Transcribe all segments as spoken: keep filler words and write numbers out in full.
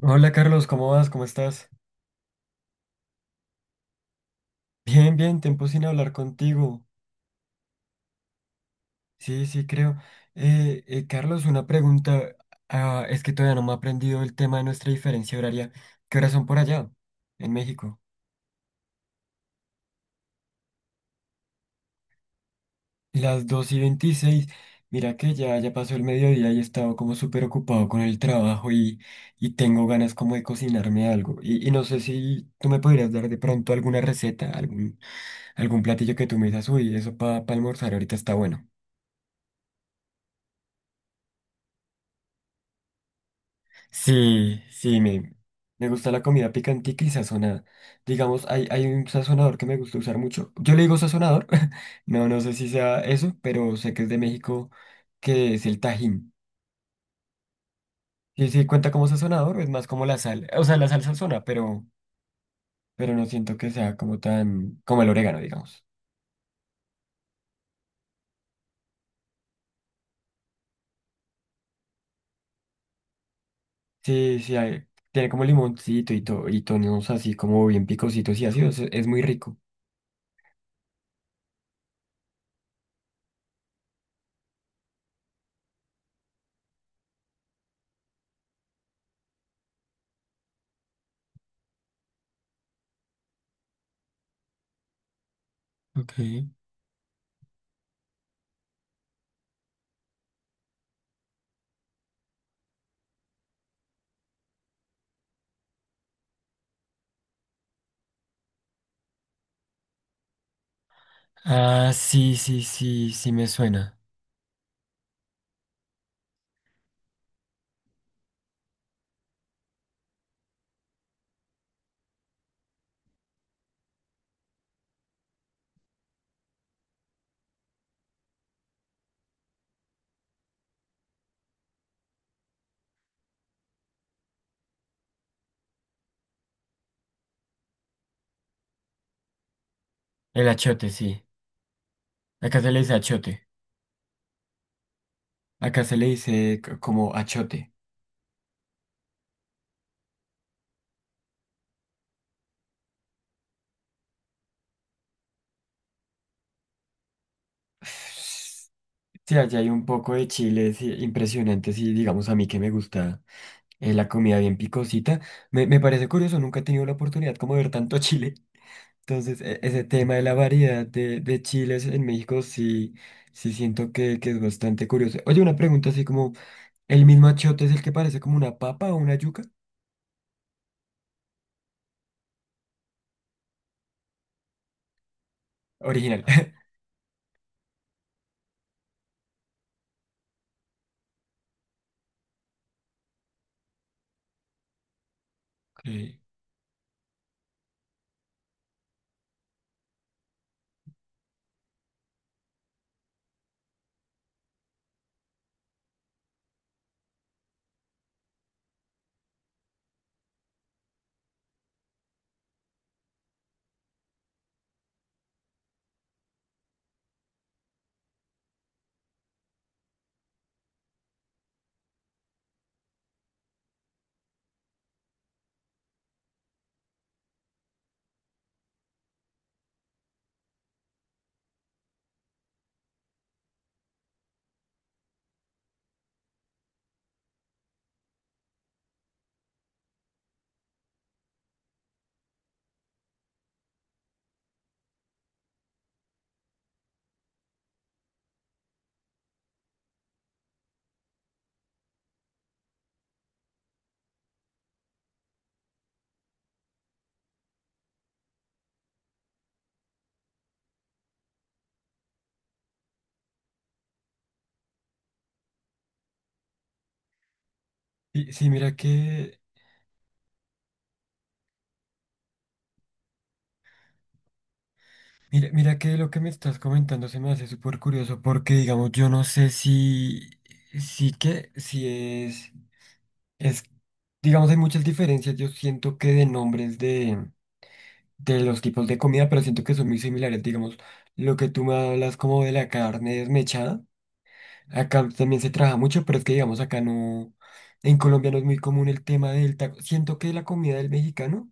Hola Carlos, ¿cómo vas? ¿Cómo estás? Bien, bien, tiempo sin hablar contigo. Sí, sí, creo. Eh, eh, Carlos, una pregunta. Ah, es que todavía no me he aprendido el tema de nuestra diferencia horaria. ¿Qué horas son por allá, en México? Las dos y veintiséis. Mira que ya, ya pasó el mediodía y he estado como súper ocupado con el trabajo y, y tengo ganas como de cocinarme algo. Y, y no sé si tú me podrías dar de pronto alguna receta, algún, algún platillo que tú me digas, uy, eso para almorzar ahorita está bueno. Sí, sí, me, me gusta la comida picantica y sazonada. Digamos, hay, hay un sazonador que me gusta usar mucho. Yo le digo sazonador, no, no sé si sea eso, pero sé que es de México, que es el Tajín. Sí, sí, cuenta como sazonador, es más como la sal. O sea, la sal sazona, pero, pero no siento que sea como tan, como el orégano, digamos. Sí, sí, hay- tiene como limoncito y, to, y tonos así como bien picositos y ácidos, es es muy rico. Ok. Ah, sí, sí, sí, sí me suena. El achiote, sí. Acá se le dice achote. Acá se le dice c- como achote. Sí, allá hay un poco de chiles i- impresionantes y digamos a mí que me gusta eh, la comida bien picosita. Me, me parece curioso, nunca he tenido la oportunidad como de ver tanto chile. Entonces, e- ese tema de la variedad de, de chiles en México sí, sí siento que, que es bastante curioso. Oye, una pregunta así como, ¿el mismo achote es el que parece como una papa o una yuca? Original. Ok. Sí, sí, mira que... Mira, mira que lo que me estás comentando se me hace súper curioso porque, digamos, yo no sé si, si que, si es, es, digamos, hay muchas diferencias. Yo siento que de nombres de, de los tipos de comida, pero siento que son muy similares. Digamos, lo que tú me hablas como de la carne desmechada, acá también se trabaja mucho, pero es que, digamos, acá no, en Colombia no es muy común el tema del taco. Siento que la comida del mexicano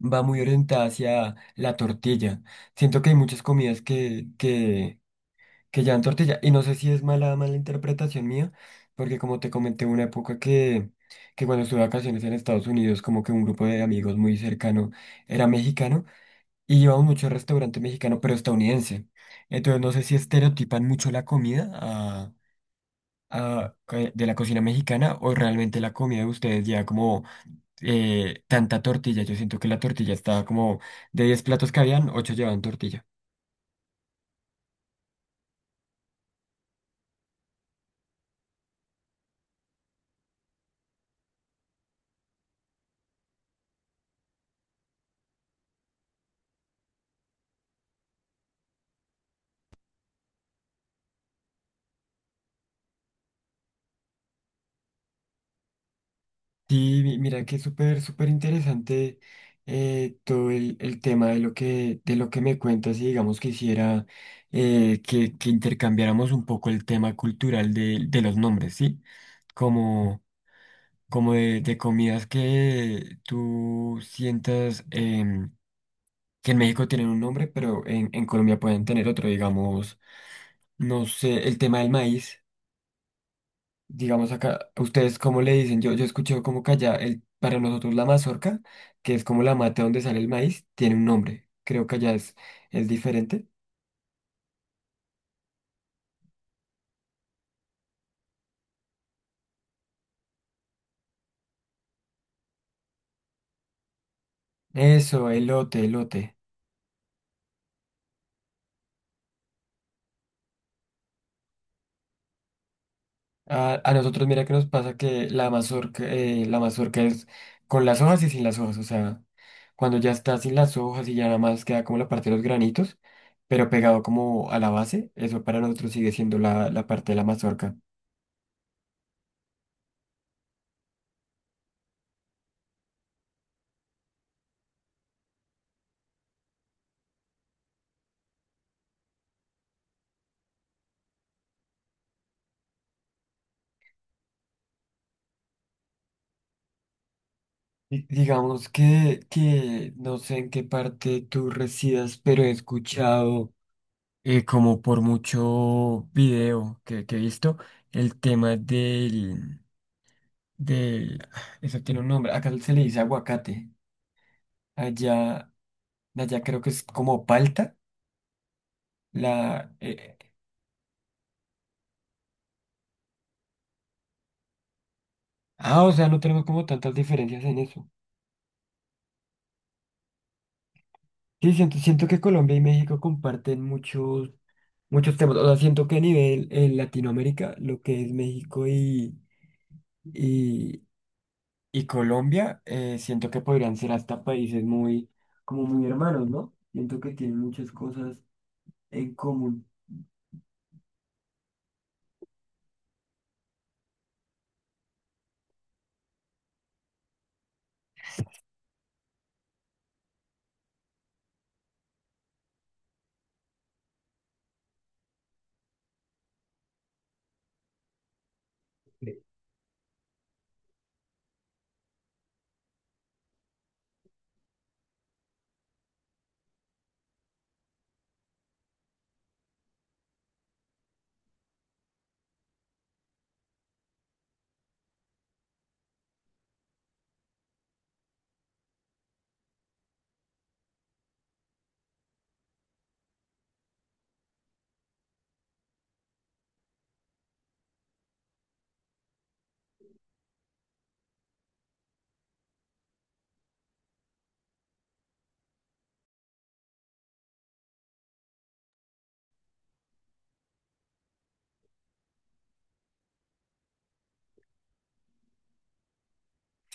va muy orientada hacia la tortilla. Siento que hay muchas comidas que, que que llevan tortilla. Y no sé si es mala, mala interpretación mía, porque como te comenté, hubo una época que, que cuando estuve de vacaciones en Estados Unidos, como que un grupo de amigos muy cercano era mexicano y íbamos mucho al restaurante mexicano, pero estadounidense. Entonces no sé si estereotipan mucho la comida a- a- que- de la cocina mexicana o realmente la comida de ustedes ya como eh, tanta tortilla. Yo siento que la tortilla estaba como de diez platos que habían, ocho llevaban tortilla. Sí, mi- mira que es súper, súper interesante eh, todo el, el tema de lo que, de lo que me cuentas y digamos quisiera eh, que, que intercambiáramos un poco el tema cultural de, de los nombres, ¿sí? Como, como de, de comidas que tú sientas em, que en México tienen un nombre, pero en, en Colombia pueden tener otro, digamos, no sé, el tema del maíz. Digamos acá, ¿ustedes cómo le dicen? Yo, yo escuché como que allá, el, para nosotros la mazorca, que es como la mata donde sale el maíz, tiene un nombre. Creo que allá es, es diferente. Eso, elote, elote. A, a nosotros mira que nos pasa que la mazorca, eh, la mazorca es con las hojas y sin las hojas. O sea, cuando ya está sin las hojas y ya nada más queda como la parte de los granitos, pero pegado como a la base, eso para nosotros sigue siendo la, la parte de la mazorca. Di- Digamos que, que no sé en qué parte tú residas, pero he escuchado eh, como por mucho video que, que he visto el tema del, del... Eso tiene un nombre, acá se le dice aguacate. Allá, allá creo que es como palta. La, eh, ah, o sea, no tenemos como tantas diferencias en eso. Sí, siento, siento que Colombia y México comparten muchos, muchos temas. O sea, siento que a nivel en Latinoamérica, lo que es México y... y, y Colombia, eh, siento que podrían ser hasta países muy, como muy hermanos, ¿no? Siento que tienen muchas cosas en común.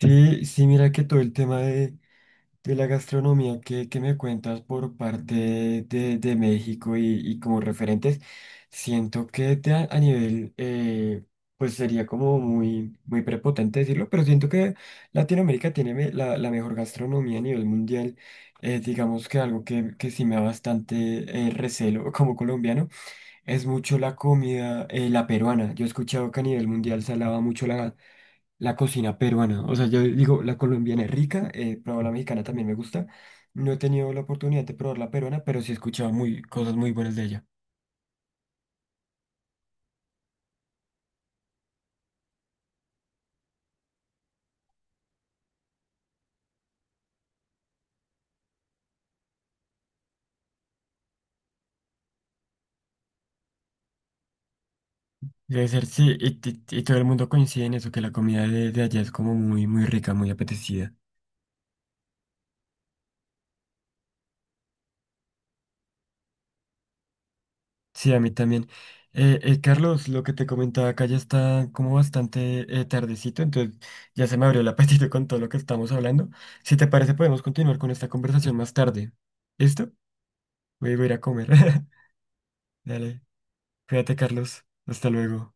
Sí, sí, mira que todo el tema de De la gastronomía que, que me cuentas por parte de, de México y, y como referentes, siento que te a, a nivel, eh, pues sería como muy, muy prepotente decirlo, pero siento que Latinoamérica tiene me- la, la mejor gastronomía a nivel mundial. Eh, digamos que algo que, que sí me da bastante eh, recelo como colombiano es mucho la comida, eh, la peruana. Yo he escuchado que a nivel mundial se alaba mucho la cocina peruana. O sea, yo digo, la colombiana es rica, eh, pero la mexicana también me gusta. No he tenido la oportunidad de probar la peruana, pero sí he escuchado muy, cosas muy buenas de ella. Debe ser, sí, y, y- y todo el mundo coincide en eso, que la comida de, de allá es como muy, muy rica, muy apetecida. Sí, a mí también. Eh, eh, Carlos, lo que te comentaba acá ya está como bastante eh, tardecito, entonces ya se me abrió el apetito con todo lo que estamos hablando. Si te parece, podemos continuar con esta conversación más tarde. ¿Listo? Voy, voy a ir a comer. Dale. Cuídate, Carlos. Hasta luego.